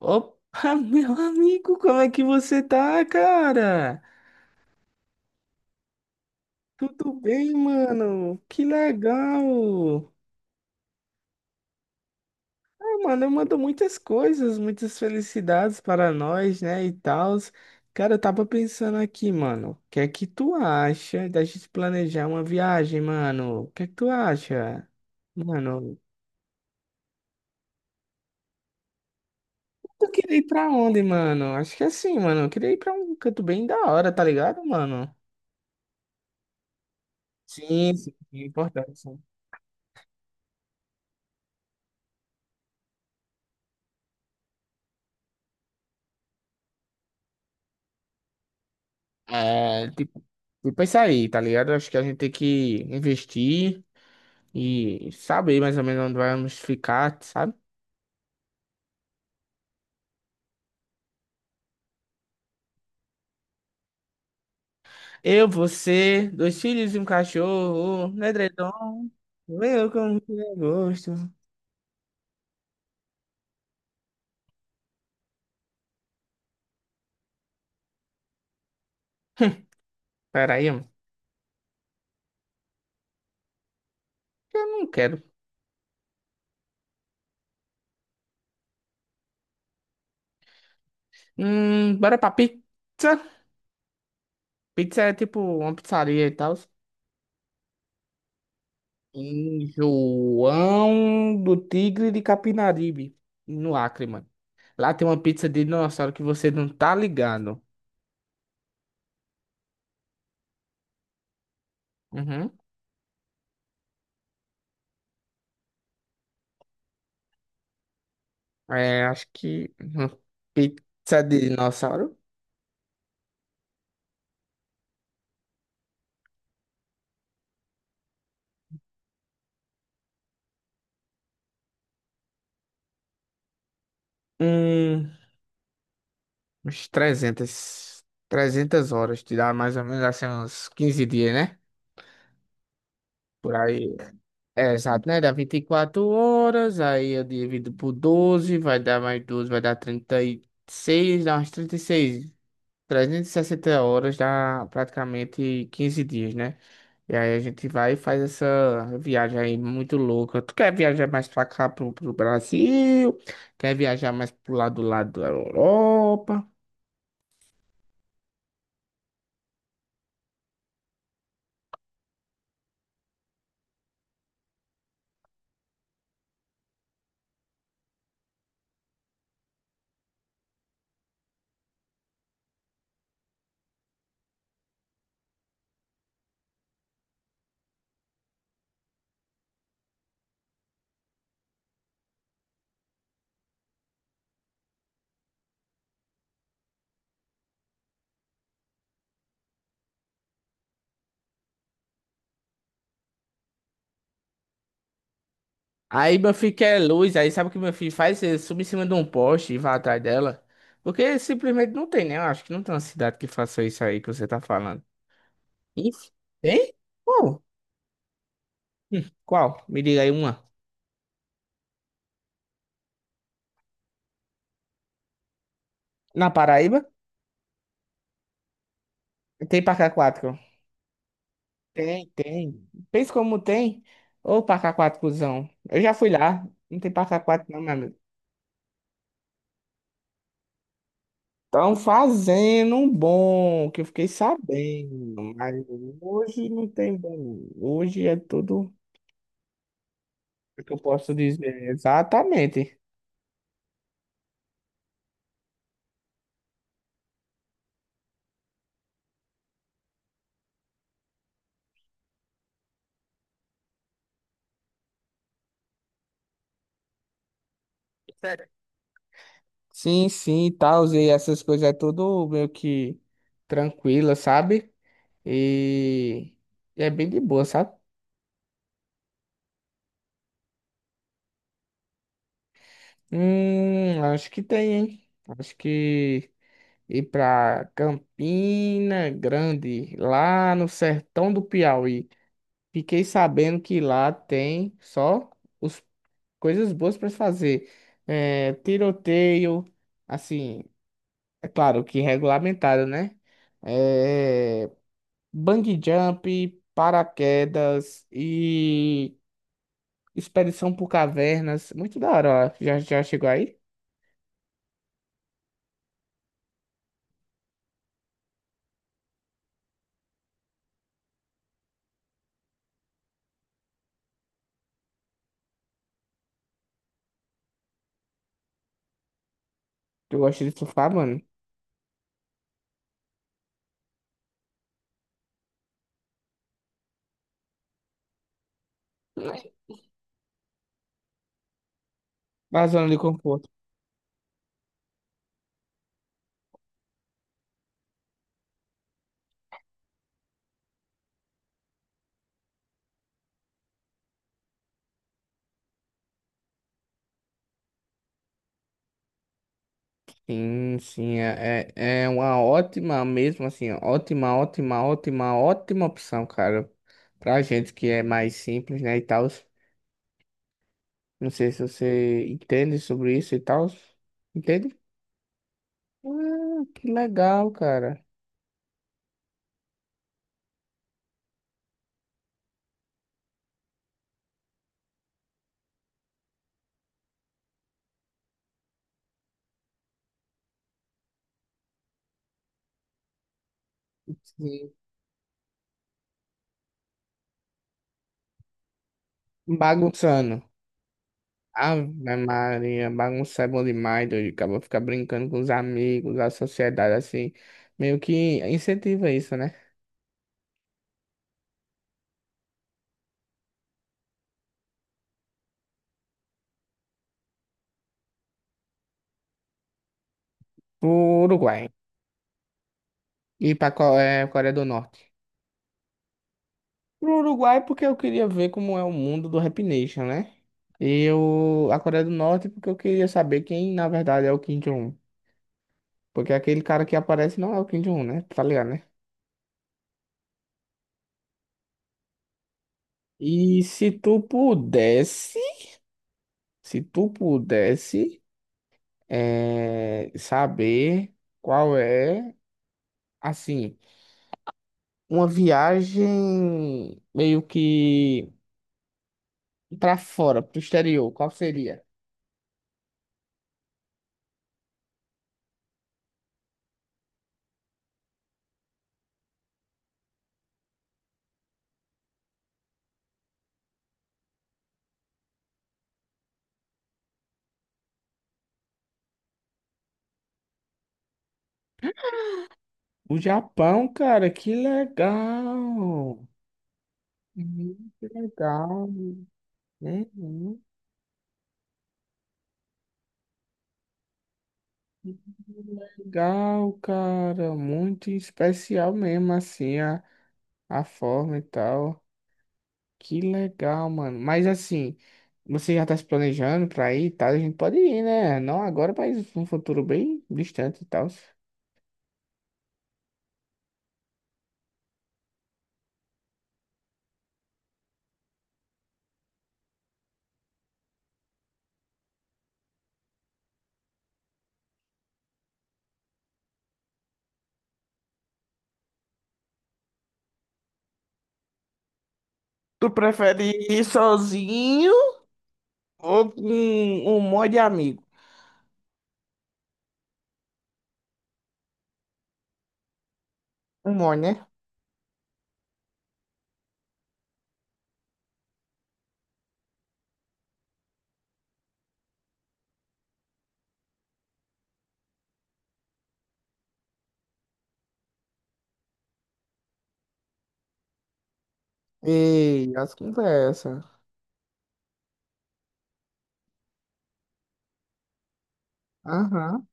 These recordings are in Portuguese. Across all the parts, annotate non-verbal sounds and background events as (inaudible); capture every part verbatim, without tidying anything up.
Opa, (laughs) meu amigo, como é que você tá, cara? Tudo bem, mano? Que legal! Ah, mano, eu mando muitas coisas, muitas felicidades para nós, né, e tal. Cara, eu tava pensando aqui, mano, o que é que tu acha da gente planejar uma viagem, mano? O que é que tu acha? Mano, eu queria ir pra onde, mano? Acho que é assim, mano, eu queria ir pra um canto bem da hora, tá ligado, mano? Sim, sim, é importante. É, tipo, tipo isso aí, tá ligado? Acho que a gente tem que investir e saber mais ou menos onde vamos ficar, sabe? Eu, você, dois filhos e um cachorro, um edredom, eu como que eu gosto. (laughs) Peraí, mano. Eu não quero. Hum, bora pra pizza. Pizza é tipo uma pizzaria e tal. Em João do Tigre de Capinaribe, no Acre, mano. Lá tem uma pizza de dinossauro que você não tá ligado. Uhum. É, acho que uma pizza de dinossauro. Hum, Uns trezentas trezentas horas, te dá mais ou menos assim uns quinze dias, né? Por aí. É, exato, né? Dá vinte e quatro horas, aí eu divido por doze, vai dar mais doze, vai dar trinta e seis, dá umas trinta e trezentas e sessenta horas, dá praticamente quinze dias, né? E aí a gente vai e faz essa viagem aí muito louca. Tu quer viajar mais pra cá, pro, pro Brasil? Quer viajar mais pro lado do lado da Europa? Aí meu filho quer luz, aí sabe o que meu filho faz? Ele sube em cima de um poste e vai atrás dela. Porque simplesmente não tem, né? Eu acho que não tem uma cidade que faça isso aí que você tá falando. Isso? Tem? Qual? Hum, Qual? Me diga aí uma. Na Paraíba? Tem pra cá quatro. Tem, tem. Pensa como tem. Ô, Paca quatro, cuzão. Eu já fui lá. Não tem Paca quatro, não, meu amigo. Estão fazendo um bom, que eu fiquei sabendo. Mas hoje não tem bom. Hoje é tudo o que eu posso dizer. Exatamente. Sério? Sim, sim, tal. E essas coisas é tudo meio que tranquila, sabe? E, e é bem de boa, sabe? Hum, acho que tem, hein? Acho que ir para Campina Grande, lá no sertão do Piauí. Fiquei sabendo que lá tem só os, coisas boas para fazer. É, tiroteio, assim, é claro que regulamentado, né? É, bungee jump, paraquedas e expedição por cavernas. Muito da hora, ó. Já, já chegou aí? Eu gosto de surfar, mano. Na zona de conforto. Sim, sim, é, é é uma ótima mesmo, assim, ótima, ótima, ótima, ótima opção, cara, pra gente que é mais simples, né, e tal. Não sei se você entende sobre isso e tal. Entende? Ah, que legal, cara. Sim. Bagunçando. Ave Maria, bagunçar é bom demais, doido. Acaba ficar brincando com os amigos, a sociedade, assim, meio que incentiva isso, né? Pro Uruguai. E pra Co- é, Coreia do Norte. Pro Uruguai porque eu queria ver como é o mundo do Rap Nation, né? E eu, a Coreia do Norte porque eu queria saber quem, na verdade, é o Kim Jong-un. Porque aquele cara que aparece não é o Kim Jong-un, né? Tá ligado, né? E se tu pudesse, se tu pudesse, eh, saber qual é, assim, uma viagem meio que pra fora, pro exterior, qual seria? O Japão, cara, que legal! Uhum. Que legal, né? Uhum. Legal, cara, muito especial mesmo, assim, a, a forma e tal. Que legal, mano. Mas assim, você já tá se planejando pra ir e tal? A gente pode ir, né? Não agora, mas num futuro bem distante e tal. Tu prefere ir sozinho ou com um monte de amigo? Um monte, né? Ei, as conversas. Aham.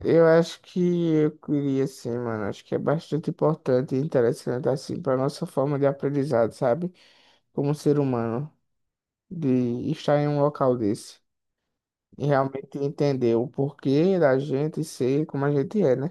Eu acho que eu queria sim, mano. Acho que é bastante importante e interessante assim para nossa forma de aprendizado, sabe? Como ser humano, de estar em um local desse e realmente entender o porquê da gente ser como a gente é, né?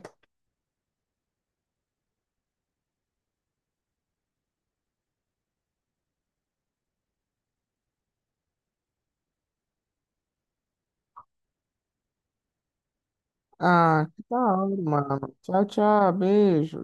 Ah, que da hora, mano. Tchau, tchau, beijo.